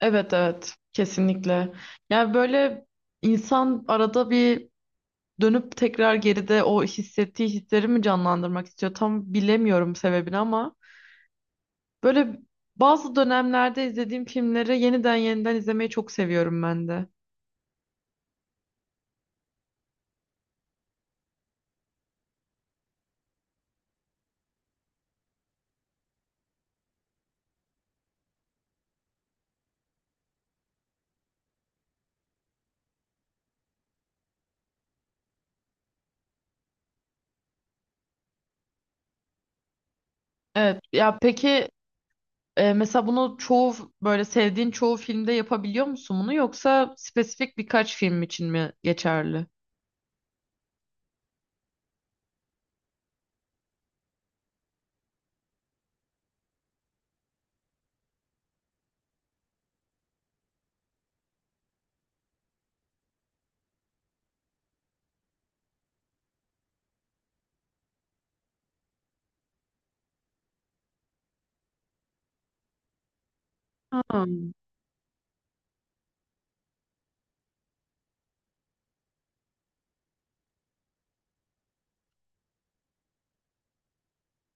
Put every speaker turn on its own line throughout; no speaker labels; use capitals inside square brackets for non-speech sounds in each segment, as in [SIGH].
Evet evet, kesinlikle. Yani böyle insan arada bir dönüp tekrar geride o hissettiği hisleri mi canlandırmak istiyor? Tam bilemiyorum sebebini ama böyle bazı dönemlerde izlediğim filmleri yeniden yeniden izlemeyi çok seviyorum ben de. Evet ya peki. Mesela bunu çoğu böyle sevdiğin çoğu filmde yapabiliyor musun bunu, yoksa spesifik birkaç film için mi geçerli? Ha,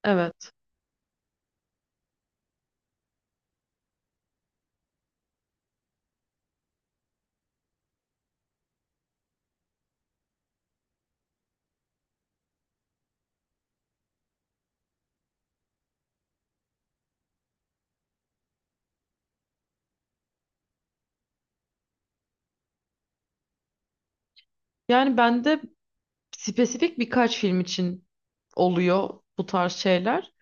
evet. Yani bende spesifik birkaç film için oluyor bu tarz şeyler.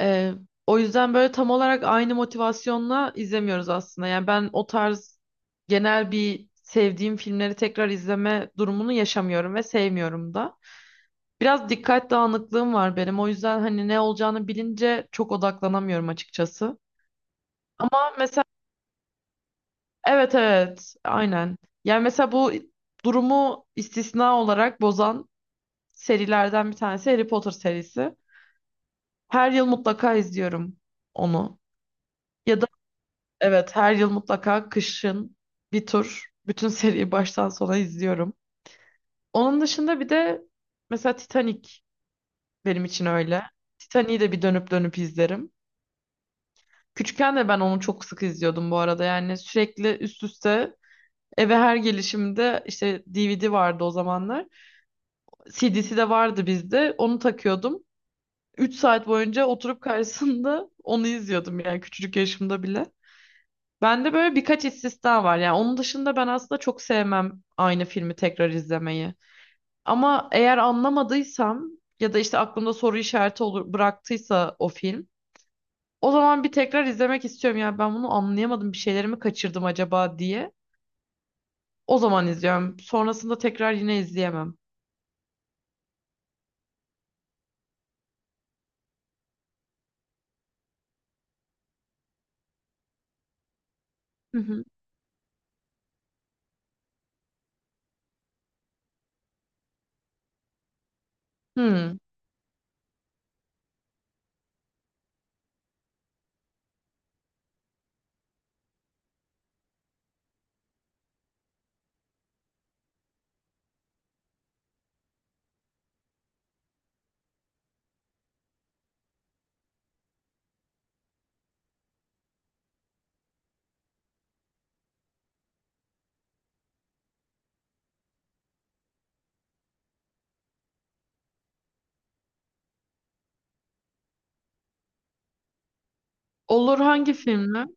Ee, O yüzden böyle tam olarak aynı motivasyonla izlemiyoruz aslında. Yani ben o tarz genel bir sevdiğim filmleri tekrar izleme durumunu yaşamıyorum ve sevmiyorum da. Biraz dikkat dağınıklığım var benim. O yüzden hani ne olacağını bilince çok odaklanamıyorum açıkçası. Ama mesela evet evet, aynen. Yani mesela bu durumu istisna olarak bozan serilerden bir tanesi Harry Potter serisi. Her yıl mutlaka izliyorum onu. Ya da evet, her yıl mutlaka kışın bir tur bütün [LAUGHS] seriyi baştan sona izliyorum. Onun dışında bir de mesela Titanic benim için öyle. Titanic'i de bir dönüp dönüp izlerim. Küçükken de ben onu çok sık izliyordum bu arada. Yani sürekli üst üste eve her gelişimde işte DVD vardı o zamanlar. CD'si de vardı bizde. Onu takıyordum. Üç saat boyunca oturup karşısında [LAUGHS] onu izliyordum yani küçücük yaşımda bile. Bende böyle birkaç istisna var. Yani onun dışında ben aslında çok sevmem aynı filmi tekrar izlemeyi. Ama eğer anlamadıysam ya da işte aklımda soru işareti olur, bıraktıysa o film, o zaman bir tekrar izlemek istiyorum. Yani ben bunu anlayamadım. Bir şeylerimi kaçırdım acaba diye. O zaman izliyorum. Sonrasında tekrar yine izleyemem. Hı hı. Hmm. Olur, hangi filmle?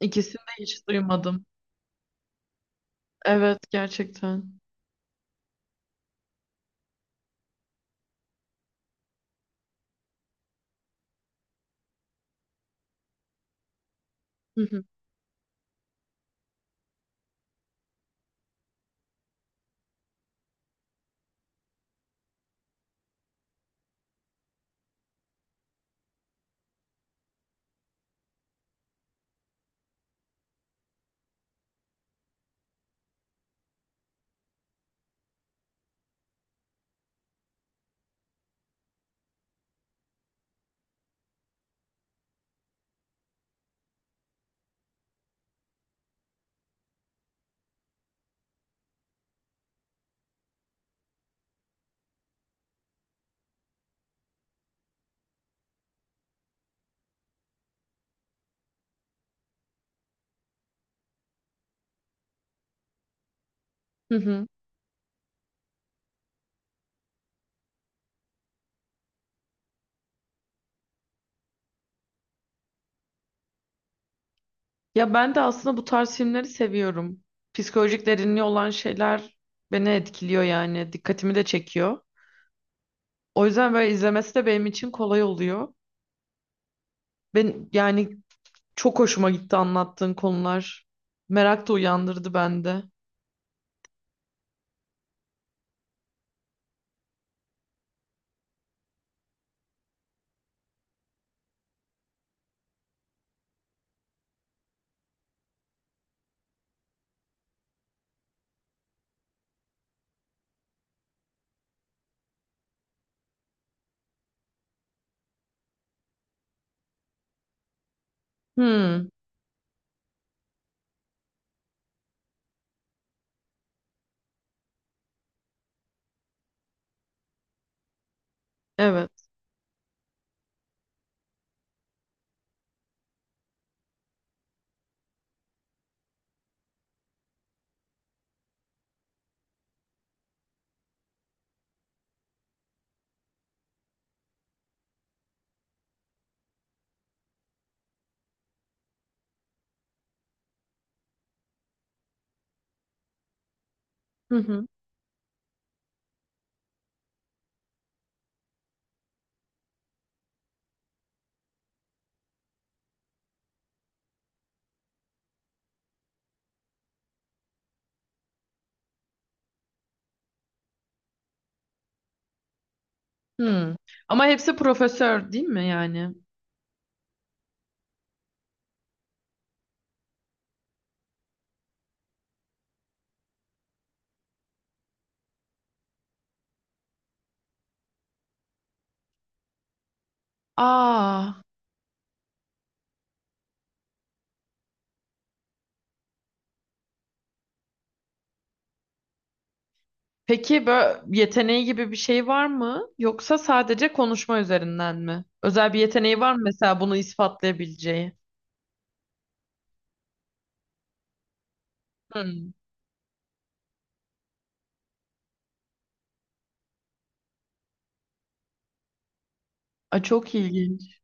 İkisini de hiç duymadım. Evet, gerçekten. Hı hı. Hı hı. Ya ben de aslında bu tarz filmleri seviyorum. Psikolojik derinliği olan şeyler beni etkiliyor yani. Dikkatimi de çekiyor. O yüzden böyle izlemesi de benim için kolay oluyor. Ben yani çok hoşuma gitti anlattığın konular. Merak da uyandırdı bende. Hmm, evet. Hı hı. Hmm. Ama hepsi profesör değil mi yani? Aa, peki böyle yeteneği gibi bir şey var mı? Yoksa sadece konuşma üzerinden mi? Özel bir yeteneği var mı mesela, bunu ispatlayabileceği? Hmm. Aa, çok ilginç.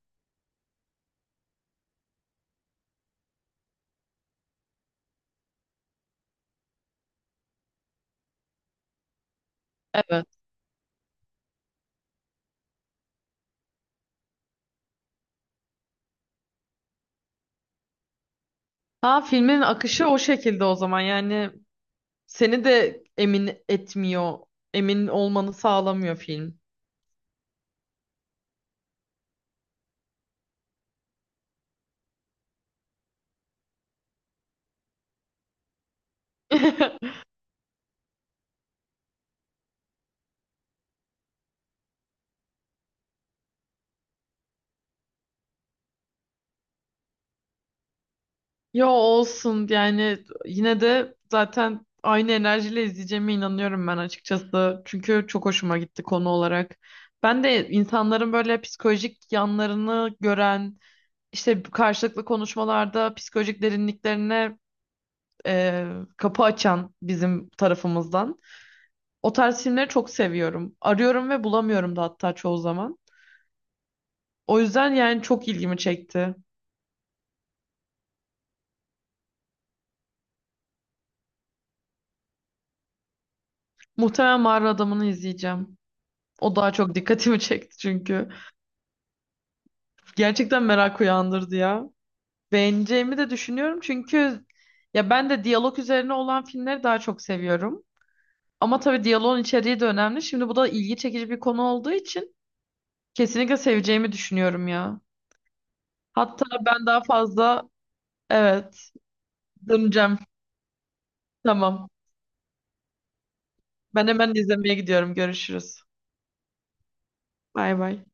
Evet. Ha, filmin akışı o şekilde o zaman yani, seni de emin etmiyor. Emin olmanı sağlamıyor film. [LAUGHS] Yo, olsun yani, yine de zaten aynı enerjiyle izleyeceğime inanıyorum ben açıkçası. Çünkü çok hoşuma gitti konu olarak. Ben de insanların böyle psikolojik yanlarını gören, işte karşılıklı konuşmalarda psikolojik derinliklerine e, kapı açan bizim tarafımızdan. O tarz filmleri çok seviyorum. Arıyorum ve bulamıyorum da hatta çoğu zaman. O yüzden yani çok ilgimi çekti. Muhtemelen Mağara Adamı'nı izleyeceğim. O daha çok dikkatimi [LAUGHS] çekti çünkü. Gerçekten merak uyandırdı ya. Beğeneceğimi de düşünüyorum çünkü ya, ben de diyalog üzerine olan filmleri daha çok seviyorum. Ama tabii diyaloğun içeriği de önemli. Şimdi bu da ilgi çekici bir konu olduğu için kesinlikle seveceğimi düşünüyorum ya. Hatta ben daha fazla, evet, döneceğim. Tamam. Ben hemen izlemeye gidiyorum. Görüşürüz. Bay bay.